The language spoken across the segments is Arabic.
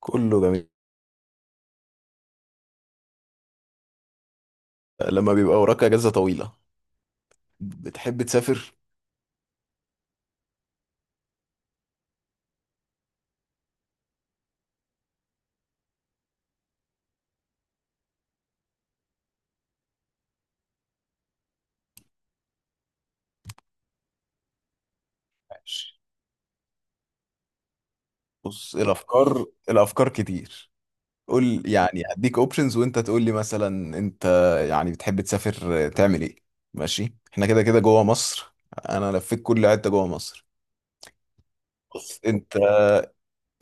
كله جميل. لما بيبقى وراك اجازه طويله بتحب تسافر؟ ماشي. بص، الافكار كتير. قول يعني هديك اوبشنز وانت تقول لي، مثلا انت يعني بتحب تسافر تعمل ايه؟ ماشي، احنا كده كده جوه مصر، انا لفيت كل حته جوه مصر. بص انت،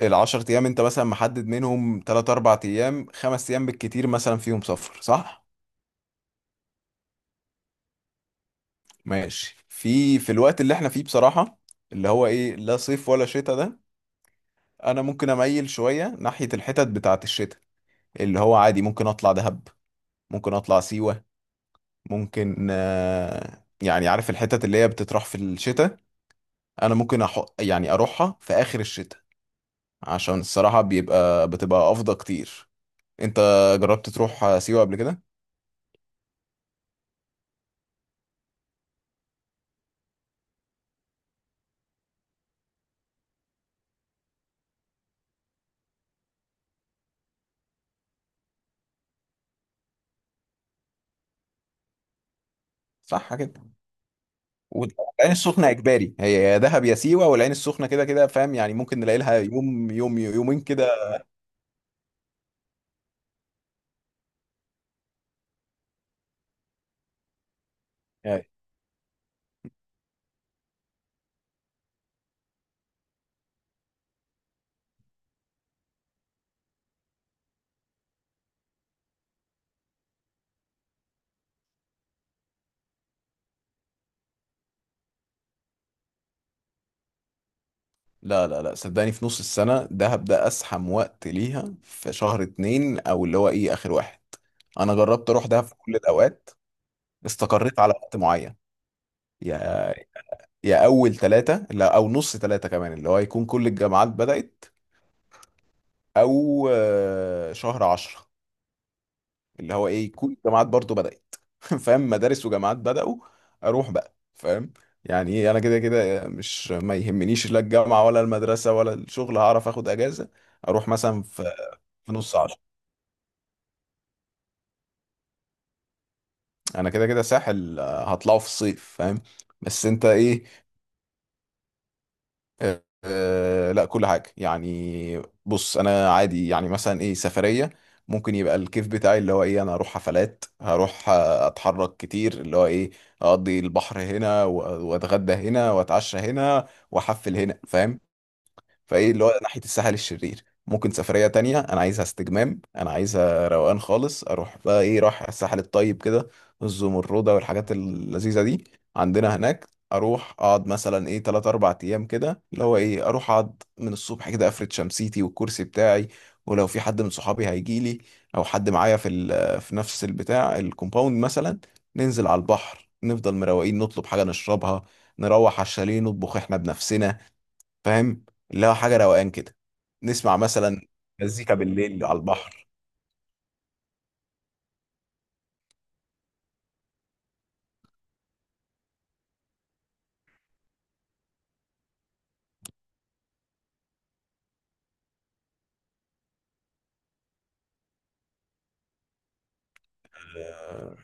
العشر ايام انت مثلا محدد منهم تلات اربع ايام خمس ايام بالكتير مثلا فيهم سفر، صح؟ ماشي. في الوقت اللي احنا فيه بصراحه، اللي هو ايه لا صيف ولا شتاء ده، انا ممكن اميل شويه ناحيه الحتت بتاعه الشتاء، اللي هو عادي ممكن اطلع دهب، ممكن اطلع سيوه، ممكن يعني عارف الحتت اللي هي بتطرح في الشتاء. انا ممكن يعني اروحها في اخر الشتاء، عشان الصراحه بيبقى بتبقى افضل كتير. انت جربت تروح سيوه قبل كده؟ صح كده. والعين السخنه اجباري، هي يا دهب يا سيوه، والعين السخنه كده كده، فاهم يعني؟ ممكن نلاقي لها يوم يوم يومين كده. لا لا لا، صدقني في نص السنة ده هبدأ أزحم وقت ليها، في شهر اتنين أو اللي هو إيه آخر واحد. أنا جربت أروح دهب في كل الأوقات، استقريت على وقت معين. يا، يا أول تلاتة لا أو نص تلاتة كمان، اللي هو يكون كل الجامعات بدأت، أو شهر عشرة، اللي هو إيه يكون الجامعات برضو بدأت. فاهم، مدارس وجامعات بدأوا. أروح بقى فاهم؟ يعني إيه، أنا كده كده مش ما يهمنيش لا الجامعة ولا المدرسة ولا الشغل، هعرف آخد أجازة. أروح مثلا في في نص عشرة. انا كده كده ساحل هطلعه في الصيف، فاهم؟ بس انت ايه؟ لا كل حاجه، يعني بص انا عادي، يعني مثلا ايه سفريه ممكن يبقى الكيف بتاعي اللي هو ايه، انا هروح حفلات، هروح اتحرك كتير اللي هو ايه، اقضي البحر هنا واتغدى هنا واتعشى هنا واحفل هنا، فاهم؟ فايه اللي هو ناحيه الساحل الشرير. ممكن سفريه تانية انا عايزها استجمام، انا عايزها روقان خالص، اروح بقى ايه رايح الساحل الطيب كده، الزمرده والحاجات اللذيذه دي عندنا هناك. اروح اقعد مثلا ايه 3 4 ايام كده، اللي هو ايه اروح اقعد من الصبح كده، افرد شمسيتي والكرسي بتاعي، ولو في حد من صحابي هيجي لي، او حد معايا في في نفس البتاع الكومباوند مثلا، ننزل على البحر، نفضل مروقين، نطلب حاجه نشربها، نروح على الشاليه نطبخ احنا بنفسنا، فاهم؟ اللي هو حاجه روقان كده، نسمع مثلا مزيكا بالليل على البحر. آه،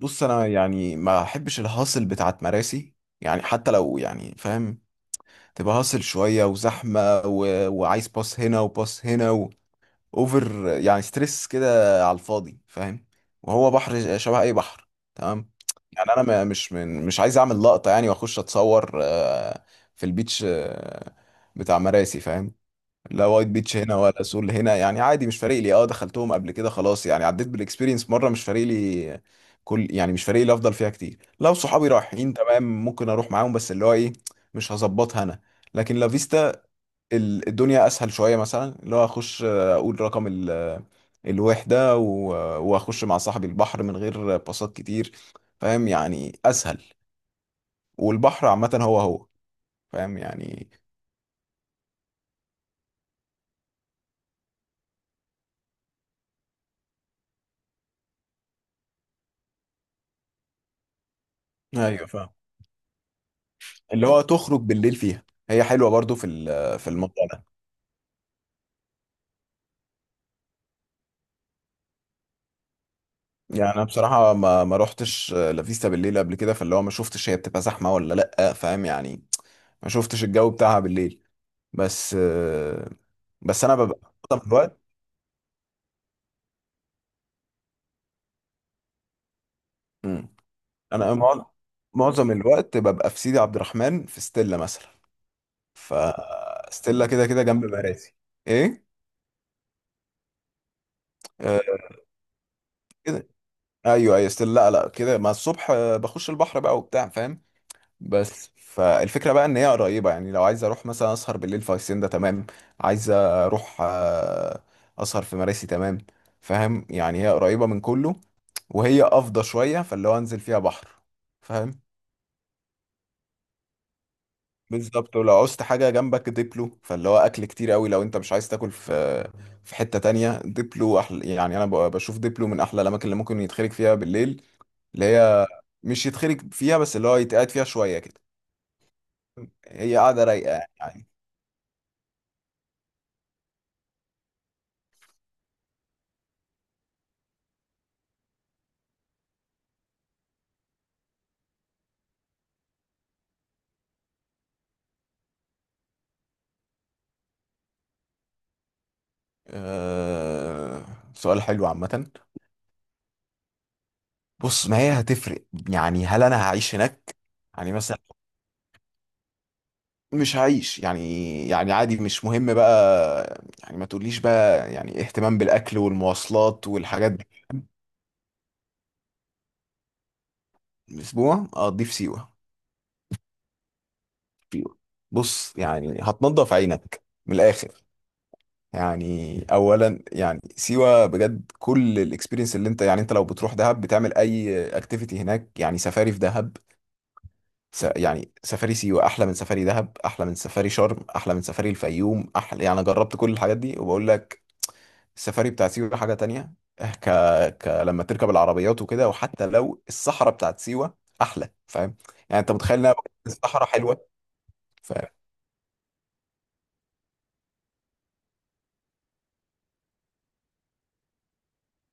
بص انا يعني ما احبش الهاصل بتاعت مراسي، يعني حتى لو يعني فاهم، تبقى هاصل شويه وزحمه و... وعايز باص هنا وباص هنا و... اوفر يعني ستريس كده على الفاضي، فاهم؟ وهو بحر شبه اي بحر، تمام. يعني انا مش من مش عايز اعمل لقطه، يعني واخش اتصور في البيتش بتاع مراسي، فاهم؟ لا وايت بيتش هنا ولا سول هنا، يعني عادي مش فارق لي، اه دخلتهم قبل كده خلاص، يعني عديت بالاكسبيرينس مره، مش فارق لي. كل يعني مش فارق لي، افضل فيها كتير لو صحابي رايحين تمام ممكن اروح معاهم، بس اللي هو ايه مش هظبطها انا. لكن لافيستا، الدنيا اسهل شويه، مثلا اللي هو اخش اقول رقم الوحده واخش مع صاحبي البحر من غير باصات كتير، فاهم يعني اسهل. والبحر عامه هو هو، فاهم يعني. ايوه فاهم، اللي هو تخرج بالليل فيها، هي حلوه برضو في في الموضوع ده. يعني انا بصراحه ما روحتش لافيستا بالليل قبل كده، فاللي هو ما شفتش هي بتبقى زحمه ولا لا، فاهم يعني؟ ما شفتش الجو بتاعها بالليل بس. بس انا ببقى معظم الوقت. مم. انا مع- معظم الوقت ببقى في سيدي عبد الرحمن في ستيلا مثلا. فستيلا كده كده جنب مراسي. ايه؟ آه، كده. ايوه ايوه ستيلا. لا لا كده، ما الصبح بخش البحر بقى وبتاع، فاهم؟ بس فالفكرة بقى ان هي قريبة، يعني لو عايز اروح مثلا اسهر بالليل في هاسيندا تمام، عايز اروح اسهر في مراسي تمام، فاهم يعني؟ هي قريبة من كله، وهي افضى شوية، فاللي هو انزل فيها بحر، فاهم. بالظبط. ولو عوزت حاجة جنبك ديبلو، فاللي هو اكل كتير قوي لو انت مش عايز تاكل في في حتة تانية، ديبلو احلى. يعني انا بشوف ديبلو من احلى الاماكن اللي ممكن يتخرج فيها بالليل، اللي هي مش يتخرج فيها بس، اللي هو يتقعد فيها شوية كده. هي قاعدة رايقة، يعني. أه... سؤال حلو عامة. بص، ما هي هتفرق، يعني هل انا هعيش هناك يعني مثلا؟ مش هعيش يعني، يعني عادي مش مهم بقى. يعني ما تقوليش بقى يعني اهتمام بالاكل والمواصلات والحاجات دي. اسبوع اقضيه في سيوة. سيوة. بص يعني هتنضف عينك من الاخر. يعني اولا يعني سيوة بجد كل الاكسبيرينس اللي انت، يعني انت لو بتروح دهب بتعمل اي اكتيفيتي هناك، يعني سفاري في دهب، يعني سفاري سيوة احلى من سفاري دهب احلى من سفاري شرم احلى من سفاري الفيوم احلى، يعني أنا جربت كل الحاجات دي وبقول لك، السفاري بتاع سيوة حاجة تانية. إه، ك... لما تركب العربيات وكده، وحتى لو الصحراء بتاعت سيوة احلى، فاهم؟ يعني انت متخيل انها الصحراء حلوة، فاهم.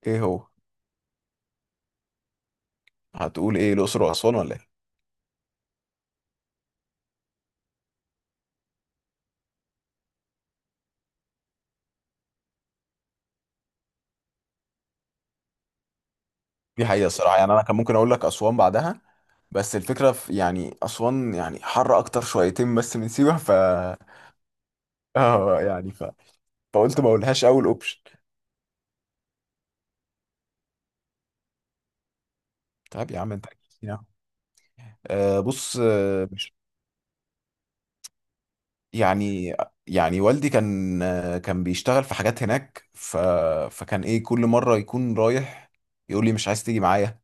ايه هو؟ هتقول ايه الاقصر واسوان ولا ايه؟ دي حقيقة الصراحة، يعني انا كان ممكن اقول لك اسوان بعدها، بس الفكرة في يعني اسوان، يعني حر اكتر شويتين بس من سيوة، ف اه يعني فقلت ما اقولهاش اول اوبشن. طيب يا عم انت اكيد يعني. بص، مش يعني، يعني والدي كان كان بيشتغل في حاجات هناك، ف فكان ايه كل مره يكون رايح يقول لي مش عايز تيجي معايا،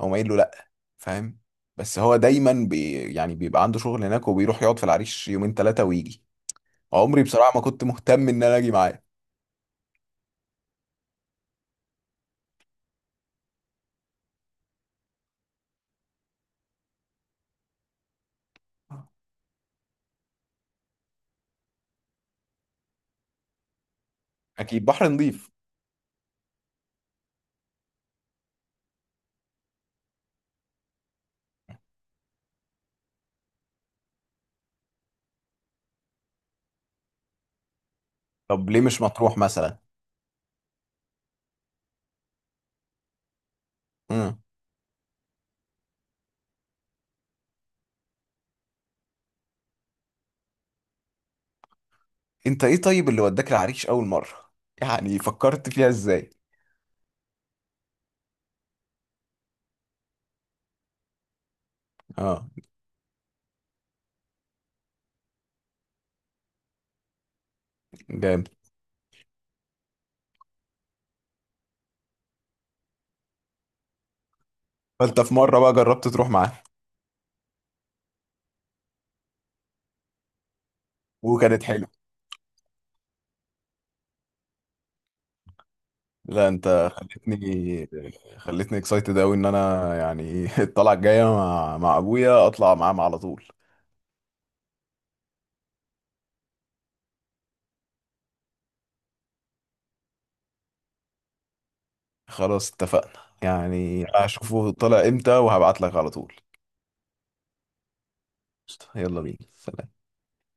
او ما قايل له لا، فاهم. بس هو دايما بي يعني بيبقى عنده شغل هناك، وبيروح يقعد في العريش يومين ثلاثه ويجي، عمري بصراحه ما كنت مهتم ان انا اجي معاه. اكيد بحر نظيف. طب ليه مش مطروح مثلا؟ امم. انت ايه طيب اللي وداك العريش اول مره؟ يعني فكرت فيها ازاي؟ اه، جامد. فانت في مره بقى جربت تروح معاه؟ وكانت حلوه. لا انت خلتني، خلتني اكسايتد قوي، ان انا يعني الطلعه الجايه مع ابويا اطلع معاه على طول. خلاص اتفقنا، يعني هشوفه طلع امتى وهبعت لك على طول. قشطة، يلا بينا، سلام.